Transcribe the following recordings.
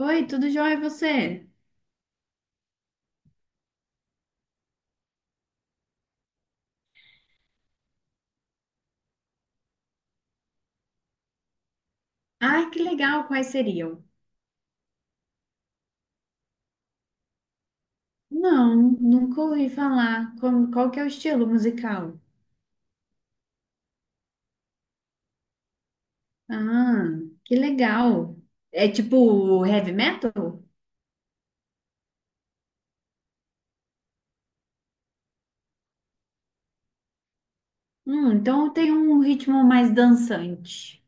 Oi, tudo jóia, e você? Ah, que legal, quais seriam? Não, nunca ouvi falar. Qual, que é o estilo musical? Ah, que legal. É tipo heavy metal? Então tem um ritmo mais dançante.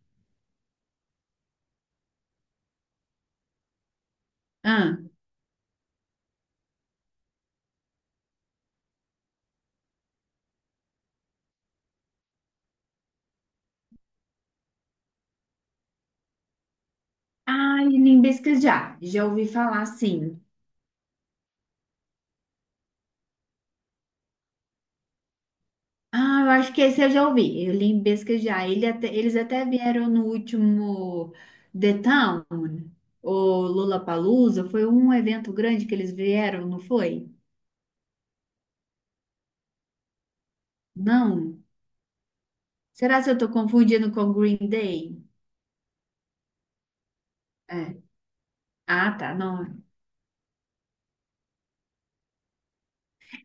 Ah, ai, limbisca já. Já ouvi falar, sim. Ah, eu acho que esse eu já ouvi. Eu li em pesquisar. Eles até vieram no último The Town, ou Lollapalooza. Foi um evento grande que eles vieram, não foi? Não. Será que eu estou confundindo com Green Day? É. Ah, tá, não.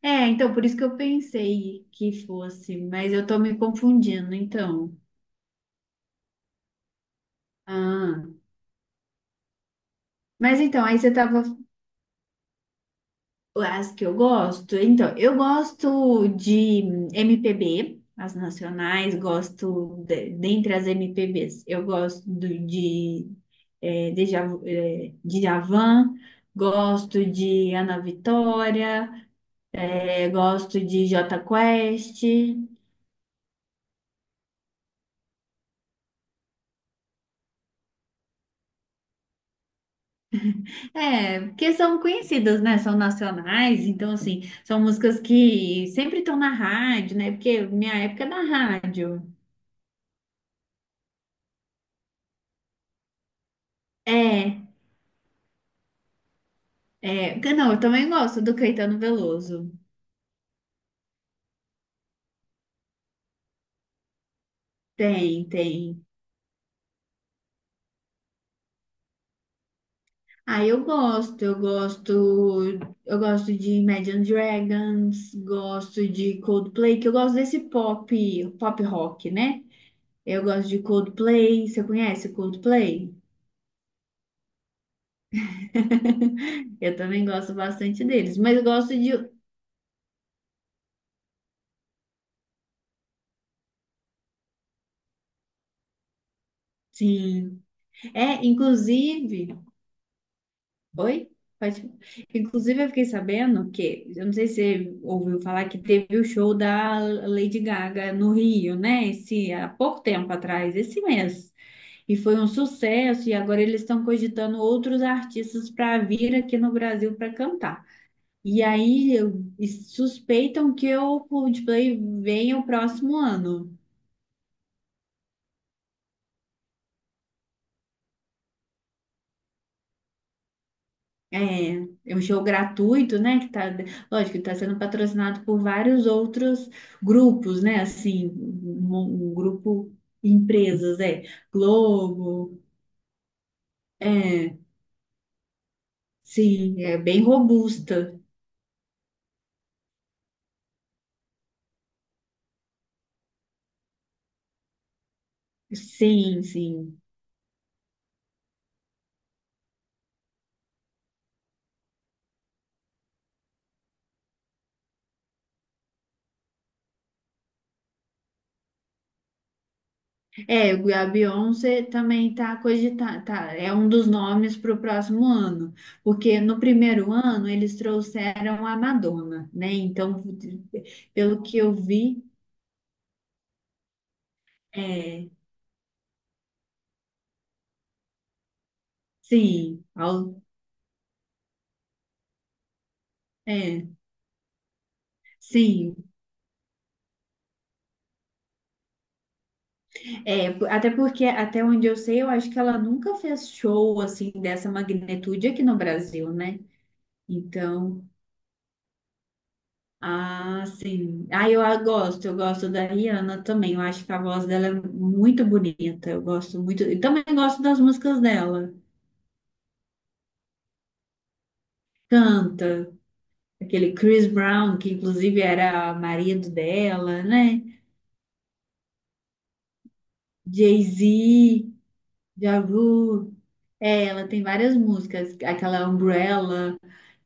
É, então por isso que eu pensei que fosse, mas eu tô me confundindo, então. Ah. Mas então, aí você estava As que eu gosto, então, eu gosto de MPB, as nacionais, dentre as MPBs, eu gosto do- de Djavan, gosto de Ana Vitória, gosto de Jota Quest, é, porque são conhecidas, né? São nacionais, então, assim, são músicas que sempre estão na rádio, né? Porque minha época é na rádio. É. É, que não, eu também gosto do Caetano Veloso. Tem, tem. Ah, eu gosto, eu gosto de Imagine Dragons, gosto de Coldplay, que eu gosto desse pop, pop rock, né? Eu gosto de Coldplay, você conhece Coldplay? Eu também gosto bastante deles, mas sim. É, inclusive. Oi? Pode... Inclusive, eu fiquei sabendo que, eu não sei se você ouviu falar que teve o show da Lady Gaga no Rio, né? Esse, há pouco tempo atrás, esse mês. E foi um sucesso, e agora eles estão cogitando outros artistas para vir aqui no Brasil para cantar. E suspeitam que o Coldplay venha o próximo ano. É, é um show gratuito, né? Que tá, lógico, que tá sendo patrocinado por vários outros grupos, né? Assim, um grupo empresas, é. Globo, é, sim, é bem robusta. Sim, sim. É, a Beyoncé também tá cogitada, tá, é um dos nomes para o próximo ano, porque no primeiro ano eles trouxeram a Madonna, né? Então, pelo que eu vi, é, sim, ao é, sim. É, até porque, até onde eu sei, eu acho que ela nunca fez show assim dessa magnitude aqui no Brasil, né? Então, ah, sim. Ah, eu gosto da Rihanna também. Eu acho que a voz dela é muito bonita. Eu gosto muito. E também gosto das músicas dela. Canta. Aquele Chris Brown, que inclusive era marido dela, né? Jay-Z, Ja Rule. É, ela tem várias músicas, aquela Umbrella.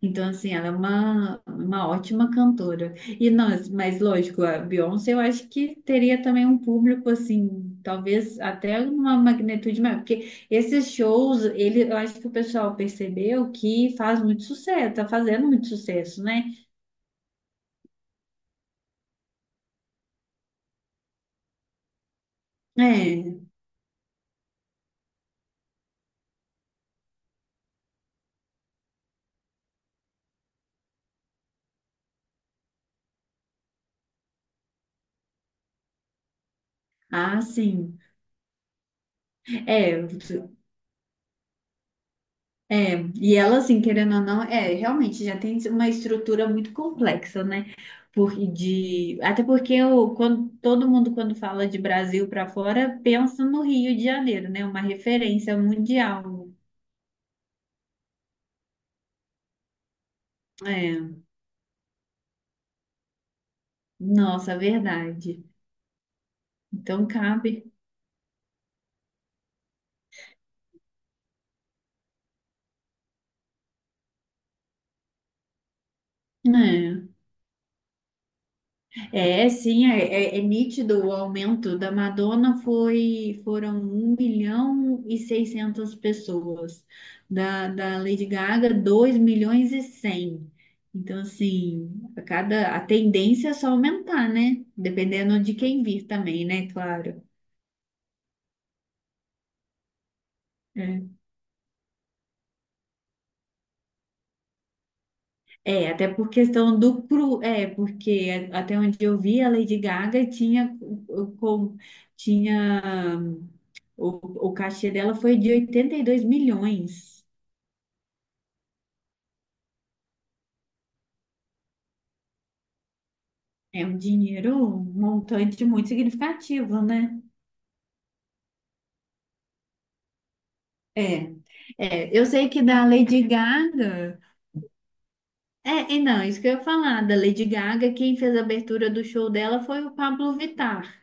Então, assim, ela é uma ótima cantora. E nós, mas lógico, a Beyoncé eu acho que teria também um público, assim, talvez até uma magnitude maior. Porque esses shows, ele, eu acho que o pessoal percebeu que faz muito sucesso, tá fazendo muito sucesso, né? É, ah, sim. É. É, e ela, assim, querendo ou não, é, realmente já tem uma estrutura muito complexa, né? Por, de, até porque eu, quando, todo mundo, quando fala de Brasil para fora, pensa no Rio de Janeiro, né? Uma referência mundial. É, nossa, verdade. Então cabe, né? É, sim, é, é nítido o aumento. Da Madonna foi foram 1.600.000 pessoas, da Lady Gaga 2.100.000. Então, assim, a cada a tendência é só aumentar, né? Dependendo de quem vir também, né? Claro. É. É, até por questão do cru, é, porque até onde eu vi, a Lady Gaga tinha, com, tinha o cachê dela foi de 82 milhões. É um dinheiro, um montante muito significativo, né? É, é, eu sei que da Lady Gaga. É, e não, isso que eu ia falar, da Lady Gaga, quem fez a abertura do show dela foi o Pablo Vittar.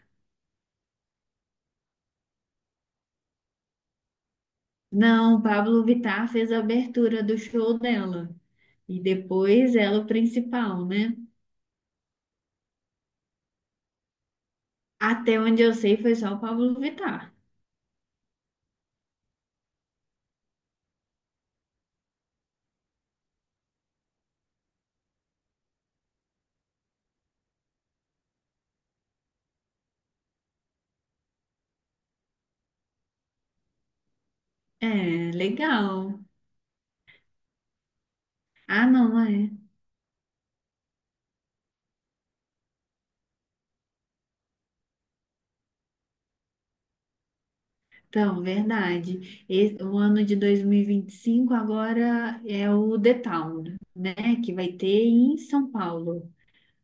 Não, o Pablo Vittar fez a abertura do show dela. E depois ela é o principal, né? Até onde eu sei foi só o Pablo Vittar. É, legal. Ah, não, é. Então, verdade. O ano de dois mil e vinte e cinco agora é o The Town, né? Que vai ter em São Paulo.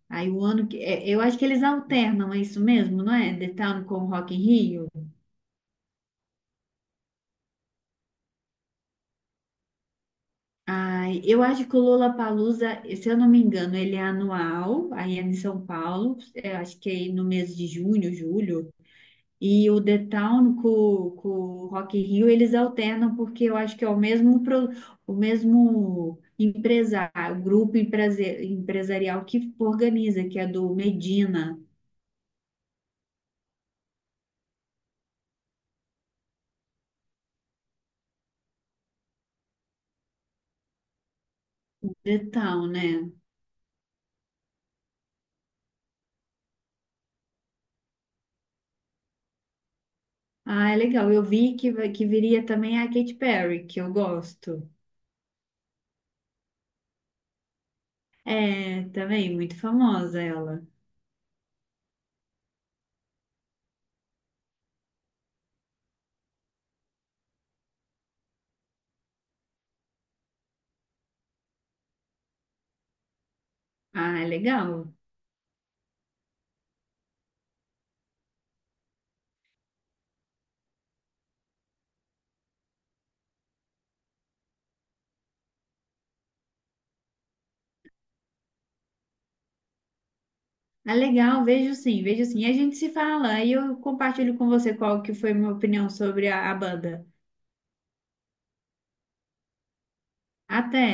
Aí o ano que. É, eu acho que eles alternam, é isso mesmo, não é? The Town com o Rock in Rio. Ai, eu acho que o Lollapalooza, se eu não me engano, ele é anual, aí é em São Paulo, eu acho que é no mês de junho, julho. E o The Town com o Rock in Rio, eles alternam porque eu acho que é o mesmo, o mesmo empresário, o grupo empresarial que organiza, que é do Medina, o The Town, né? Ah, é legal. Eu vi que, que viria também a Katy Perry, que eu gosto. É, também, muito famosa ela. Ah, é legal. Ah, legal, vejo sim, vejo sim. E a gente se fala, aí eu compartilho com você qual que foi minha opinião sobre a banda. Até!